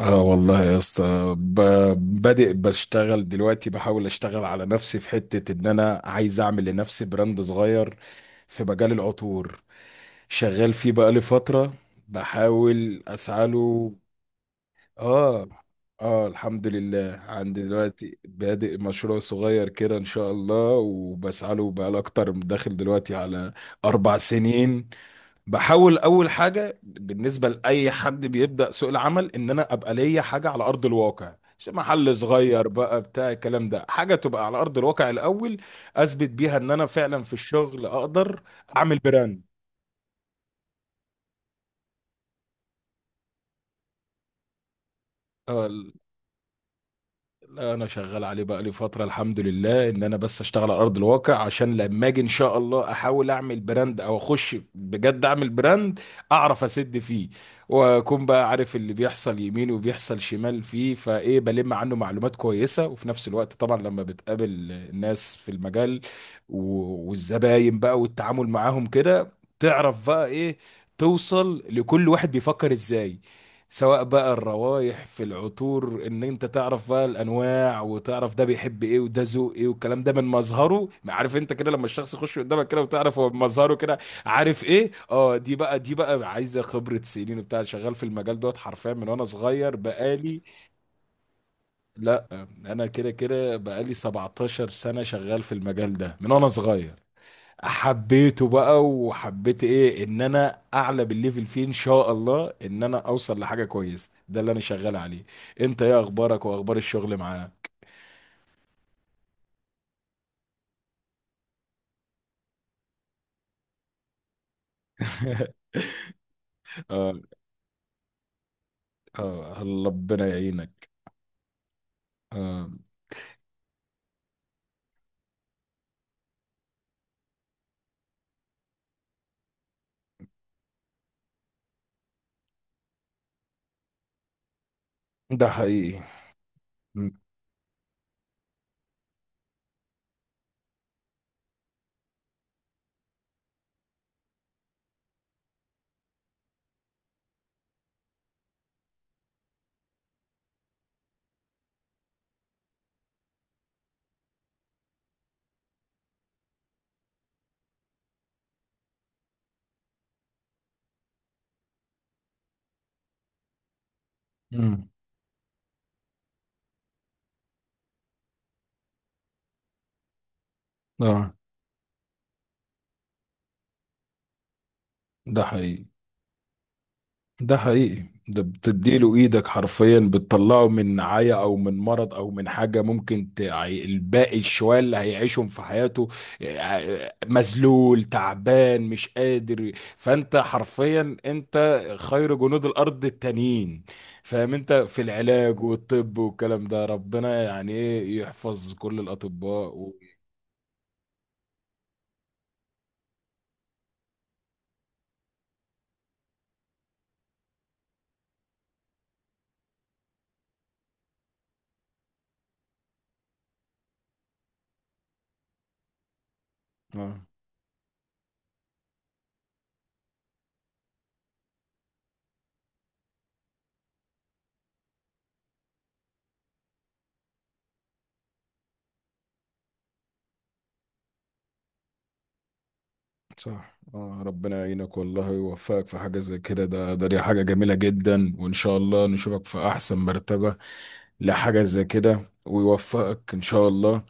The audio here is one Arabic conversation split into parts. اه والله يا اسطى بادئ بشتغل دلوقتي، بحاول اشتغل على نفسي في حتة ان انا عايز اعمل لنفسي براند صغير في مجال العطور. شغال فيه بقالي فترة، بحاول اسعى له. اه اه الحمد لله عندي دلوقتي بادئ مشروع صغير كده ان شاء الله، وبسعى له بقالي اكتر، داخل دلوقتي على 4 سنين. بحاول اول حاجه بالنسبه لاي حد بيبدا سوق العمل ان انا ابقى ليا حاجه على ارض الواقع، مش محل صغير بقى بتاع الكلام ده، حاجه تبقى على ارض الواقع الاول، اثبت بيها ان انا فعلا في الشغل اقدر اعمل براند. آه، لا انا شغال عليه بقى لي فتره الحمد لله، ان انا بس اشتغل على ارض الواقع عشان لما اجي ان شاء الله احاول اعمل براند او اخش بجد اعمل براند، اعرف اسد فيه، واكون بقى عارف اللي بيحصل يمين وبيحصل شمال فيه، فايه بلم عنه معلومات كويسه. وفي نفس الوقت طبعا لما بتقابل الناس في المجال والزباين بقى والتعامل معاهم كده، تعرف بقى ايه، توصل لكل واحد بيفكر ازاي، سواء بقى الروايح في العطور ان انت تعرف بقى الانواع، وتعرف ده بيحب ايه وده ذوق ايه، والكلام ده من مظهره. عارف انت كده لما الشخص يخش قدامك كده، وتعرف هو مظهره كده عارف ايه. اه دي بقى دي بقى عايزه خبره سنين وبتاع، شغال في المجال دوت حرفيا من وانا صغير. بقالي، لا انا كده كده بقالي 17 سنه شغال في المجال ده من وانا صغير. حبيته بقى، وحبيت ايه ان انا اعلى بالليفل فيه ان شاء الله، ان انا اوصل لحاجه كويسه، ده اللي انا شغال عليه. انت ايه اخبارك واخبار الشغل معاه؟ اه اه الله ربنا يعينك. آه ده حقيقي. م- م. اه ده حقيقي، ده حقيقي، ده بتديله ايدك حرفيا، بتطلعه من نعاية او من مرض او من حاجة ممكن الباقي الشوية اللي هيعيشهم في حياته. مذلول تعبان مش قادر. فانت حرفيا انت خير جنود الارض التانيين، فاهم، انت في العلاج والطب والكلام ده. ربنا يعني ايه يحفظ كل الاطباء. و... صح. ربنا يعينك والله ويوفقك في حاجة زي كده، ده ده دي حاجة جميلة جدا، وإن شاء الله نشوفك في أحسن مرتبة لحاجة زي كده، ويوفقك إن شاء الله.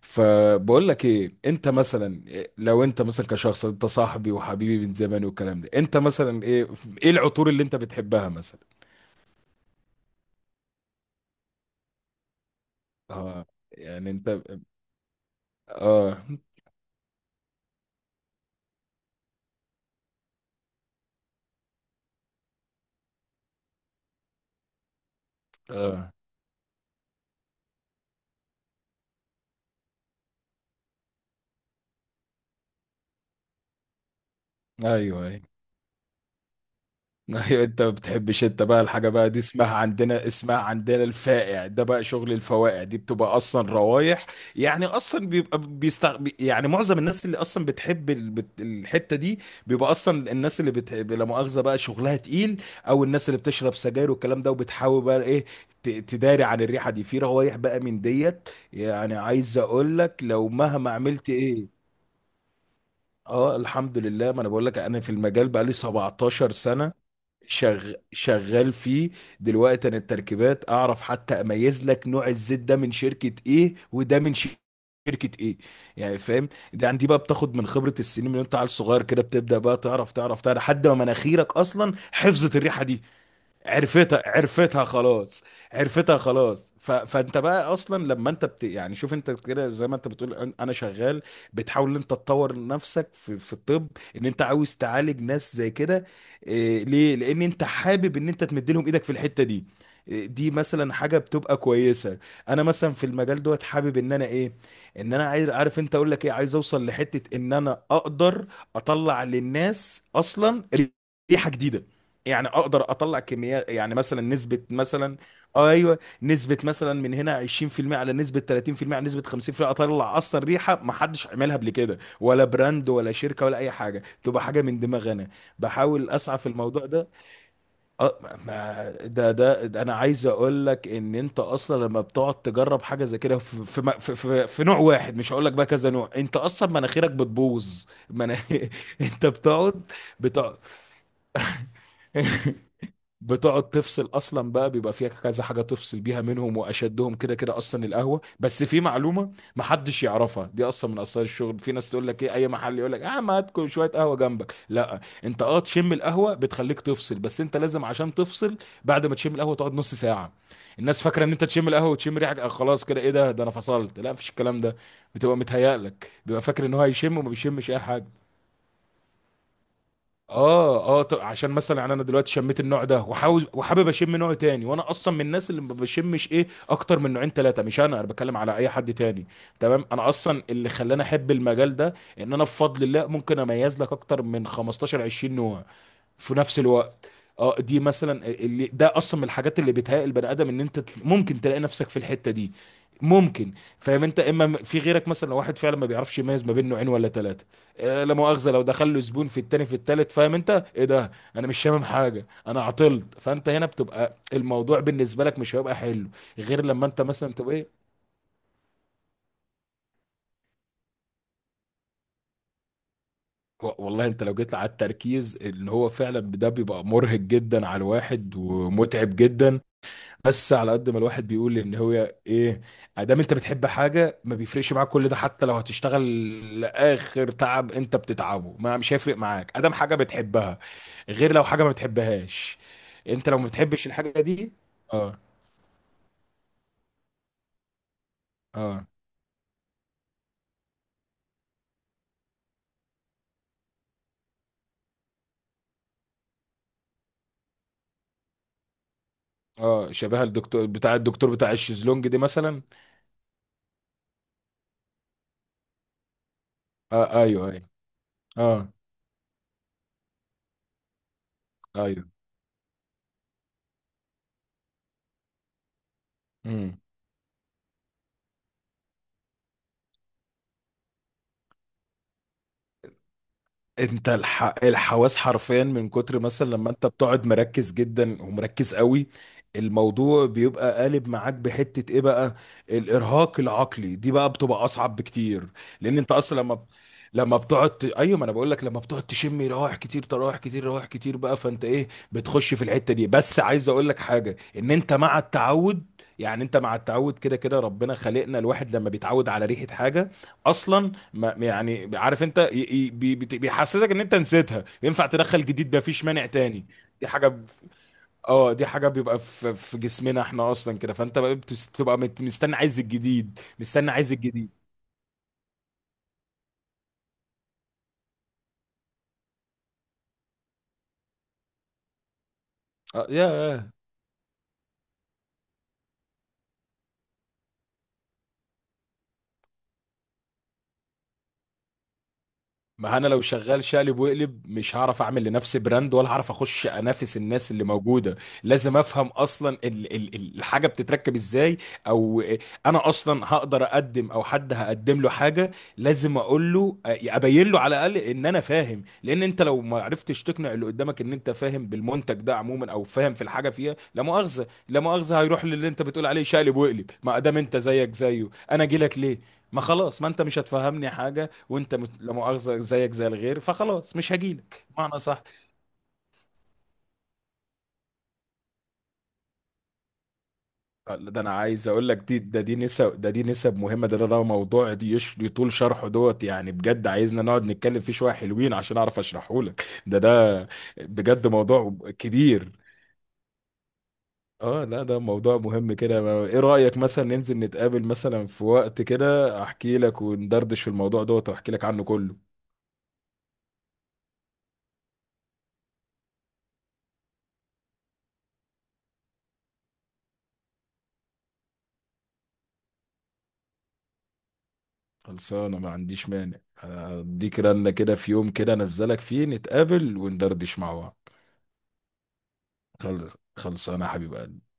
فبقول لك إيه، أنت مثلا إيه، لو أنت مثلا كشخص، أنت صاحبي وحبيبي من زمان والكلام ده، أنت مثلا إيه، إيه العطور اللي أنت بتحبها مثلا؟ آه يعني أنت، آه آه آه، أيوه أيوه. ايوه انت ما بتحبش. انت بقى الحاجه بقى دي اسمها عندنا، اسمها عندنا الفائع، ده بقى شغل الفوائع، دي بتبقى اصلا روايح يعني اصلا يعني معظم الناس اللي اصلا بتحب الحته دي، بيبقى اصلا الناس اللي بتحب لا مؤاخذه بقى شغلها تقيل، او الناس اللي بتشرب سجاير والكلام ده، وبتحاول بقى ايه تداري عن الريحه دي في روايح، بقى من ديت يعني عايز اقول لك لو مهما عملت ايه. اه الحمد لله، ما انا بقول لك انا في المجال بقى لي 17 سنه شغال فيه. دلوقتي انا التركيبات اعرف حتى اميز لك نوع الزيت ده من شركة ايه، وده من شركة ايه، يعني فاهم. ده عندي بقى، بتاخد من خبرة السنين، من انت عيل صغير كده بتبدأ بقى تعرف تعرف تعرف لحد ما مناخيرك اصلا حفظت الريحة دي، عرفتها خلاص، خلاص. فانت بقى اصلا لما انت يعني شوف انت كده زي ما انت بتقول انا شغال، بتحاول ان انت تطور نفسك في الطب، ان انت عاوز تعالج ناس زي كده ليه، لان انت حابب ان انت تمد لهم ايدك في الحتة دي. إيه، دي مثلا حاجة بتبقى كويسة. انا مثلا في المجال دوت حابب ان انا ايه، ان انا عايز، عارف انت اقول لك ايه، عايز اوصل لحتة ان انا اقدر اطلع للناس اصلا ريحة جديدة، يعني اقدر اطلع كميات، يعني مثلا نسبه مثلا. اه ايوه، نسبه مثلا من هنا 20% على نسبه 30% على نسبه 50%، اطلع اصلا ريحه ما حدش عملها قبل كده، ولا براند ولا شركه ولا اي حاجه، تبقى حاجه من دماغي انا. بحاول اسعى في الموضوع ده. اه ما ده انا عايز اقول لك ان انت اصلا لما بتقعد تجرب حاجه زي كده، في في, م- في, في, في نوع واحد، مش هقول لك بقى كذا نوع، انت اصلا مناخيرك بتبوظ انت بتقعد بتقعد بتقعد تفصل اصلا بقى. بيبقى فيها كذا حاجه تفصل بيها منهم، واشدهم كده كده اصلا القهوه. بس في معلومه محدش يعرفها، دي اصلا من اسرار الشغل، في ناس تقول لك ايه، اي محل يقول لك اه ما هاتكم شويه قهوه جنبك، لا انت، اه تشم القهوه بتخليك تفصل، بس انت لازم عشان تفصل بعد ما تشم القهوه تقعد نص ساعه. الناس فاكره ان انت تشم القهوه وتشم ريحه خلاص كده ايه ده، ده انا فصلت، لا مفيش الكلام ده، بتبقى متهيألك بيبقى فاكر ان هو هيشم، وما بيشمش اي حاجه. عشان مثلا يعني انا دلوقتي شميت النوع ده، وحاوز وحابب اشم نوع تاني، وانا اصلا من الناس اللي ما بشمش ايه اكتر من نوعين ثلاثه، مش انا، انا بتكلم على اي حد تاني. تمام، انا اصلا اللي خلاني احب المجال ده، ان انا بفضل الله ممكن اميز لك اكتر من 15 20 نوع في نفس الوقت. اه دي مثلا اللي ده اصلا من الحاجات اللي بتهيئ البني ادم، ان انت ممكن تلاقي نفسك في الحته دي، ممكن. فاهم انت، في غيرك مثلا، لو واحد فعلا ما بيعرفش يميز ما بين نوعين ولا ثلاثه، لا مؤاخذه لو دخل له زبون في التاني في التالت، فاهم انت ايه ده، انا مش شامم حاجه انا عطلت، فانت هنا بتبقى الموضوع بالنسبه لك مش هيبقى حلو، غير لما انت مثلا تبقى ايه. والله انت لو جيت على التركيز، ان هو فعلا ده بيبقى مرهق جدا على الواحد، ومتعب جدا. بس على قد ما الواحد بيقول ان هو ايه، ادام انت بتحب حاجه ما بيفرقش معاك كل ده، حتى لو هتشتغل لاخر تعب انت بتتعبه ما مش هيفرق معاك، ادام حاجه بتحبها، غير لو حاجه ما بتحبهاش، انت لو ما بتحبش الحاجه دي. اه اه اه، شبه الدكتور بتاع، الدكتور بتاع الشيزلونج دي مثلا. اه ايوه ايوه. اه ايوه. امم انت الحواس حرفيا، من كتر مثلا لما انت بتقعد مركز جدا ومركز قوي، الموضوع بيبقى قالب معاك بحتة ايه بقى، الارهاق العقلي دي بقى بتبقى اصعب بكتير. لان انت اصلا لما بتقعد ايوه ما انا بقول لك، لما بتقعد تشم روايح كتير، تراوح كتير، روايح كتير بقى، فانت ايه بتخش في الحتة دي. بس عايز اقول لك حاجة، ان انت مع التعود، يعني انت مع التعود كده كده، ربنا خلقنا الواحد لما بيتعود على ريحة حاجة اصلا، ما يعني عارف انت بيحسسك ان انت نسيتها، ينفع تدخل جديد مفيش مانع تاني. دي حاجه ب... اه دي حاجه بيبقى في جسمنا احنا اصلا كده، فانت بقى بتبقى مستني عايز الجديد، مستني عايز الجديد. اه يا ما انا لو شغال شقلب وقلب مش هعرف اعمل لنفسي براند، ولا هعرف اخش انافس الناس اللي موجوده. لازم افهم اصلا الحاجه بتتركب ازاي، او انا اصلا هقدر اقدم، او حد هقدم له حاجه، لازم اقول له، ابين له على الاقل ان انا فاهم، لان انت لو ما عرفتش تقنع اللي قدامك ان انت فاهم بالمنتج ده عموما، او فاهم في الحاجه فيها، لا مؤاخذه هيروح للي انت بتقول عليه شقلب وقلب، ما ادام انت زيك زيه انا اجي لك ليه، ما خلاص ما انت مش هتفهمني حاجه، وانت لا مؤاخذه زيك زي الغير، فخلاص مش هجيلك معنى صح. ده انا عايز اقول لك، دي نسب، دي نسب مهمه، ده موضوع دي يشلي طول شرحه دوت، يعني بجد عايزنا نقعد نتكلم فيه شويه حلوين عشان اعرف اشرحه لك، ده بجد موضوع كبير. اه لا ده موضوع مهم كده. ايه رأيك مثلا ننزل نتقابل مثلا في وقت كده، احكي لك وندردش في الموضوع دوت، واحكي لك عنه كله. خلصانه، ما عنديش مانع، هديك رنة كده في يوم كده، انزلك فيه نتقابل وندردش مع بعض. خلص خلص، انا حبيب قلبي.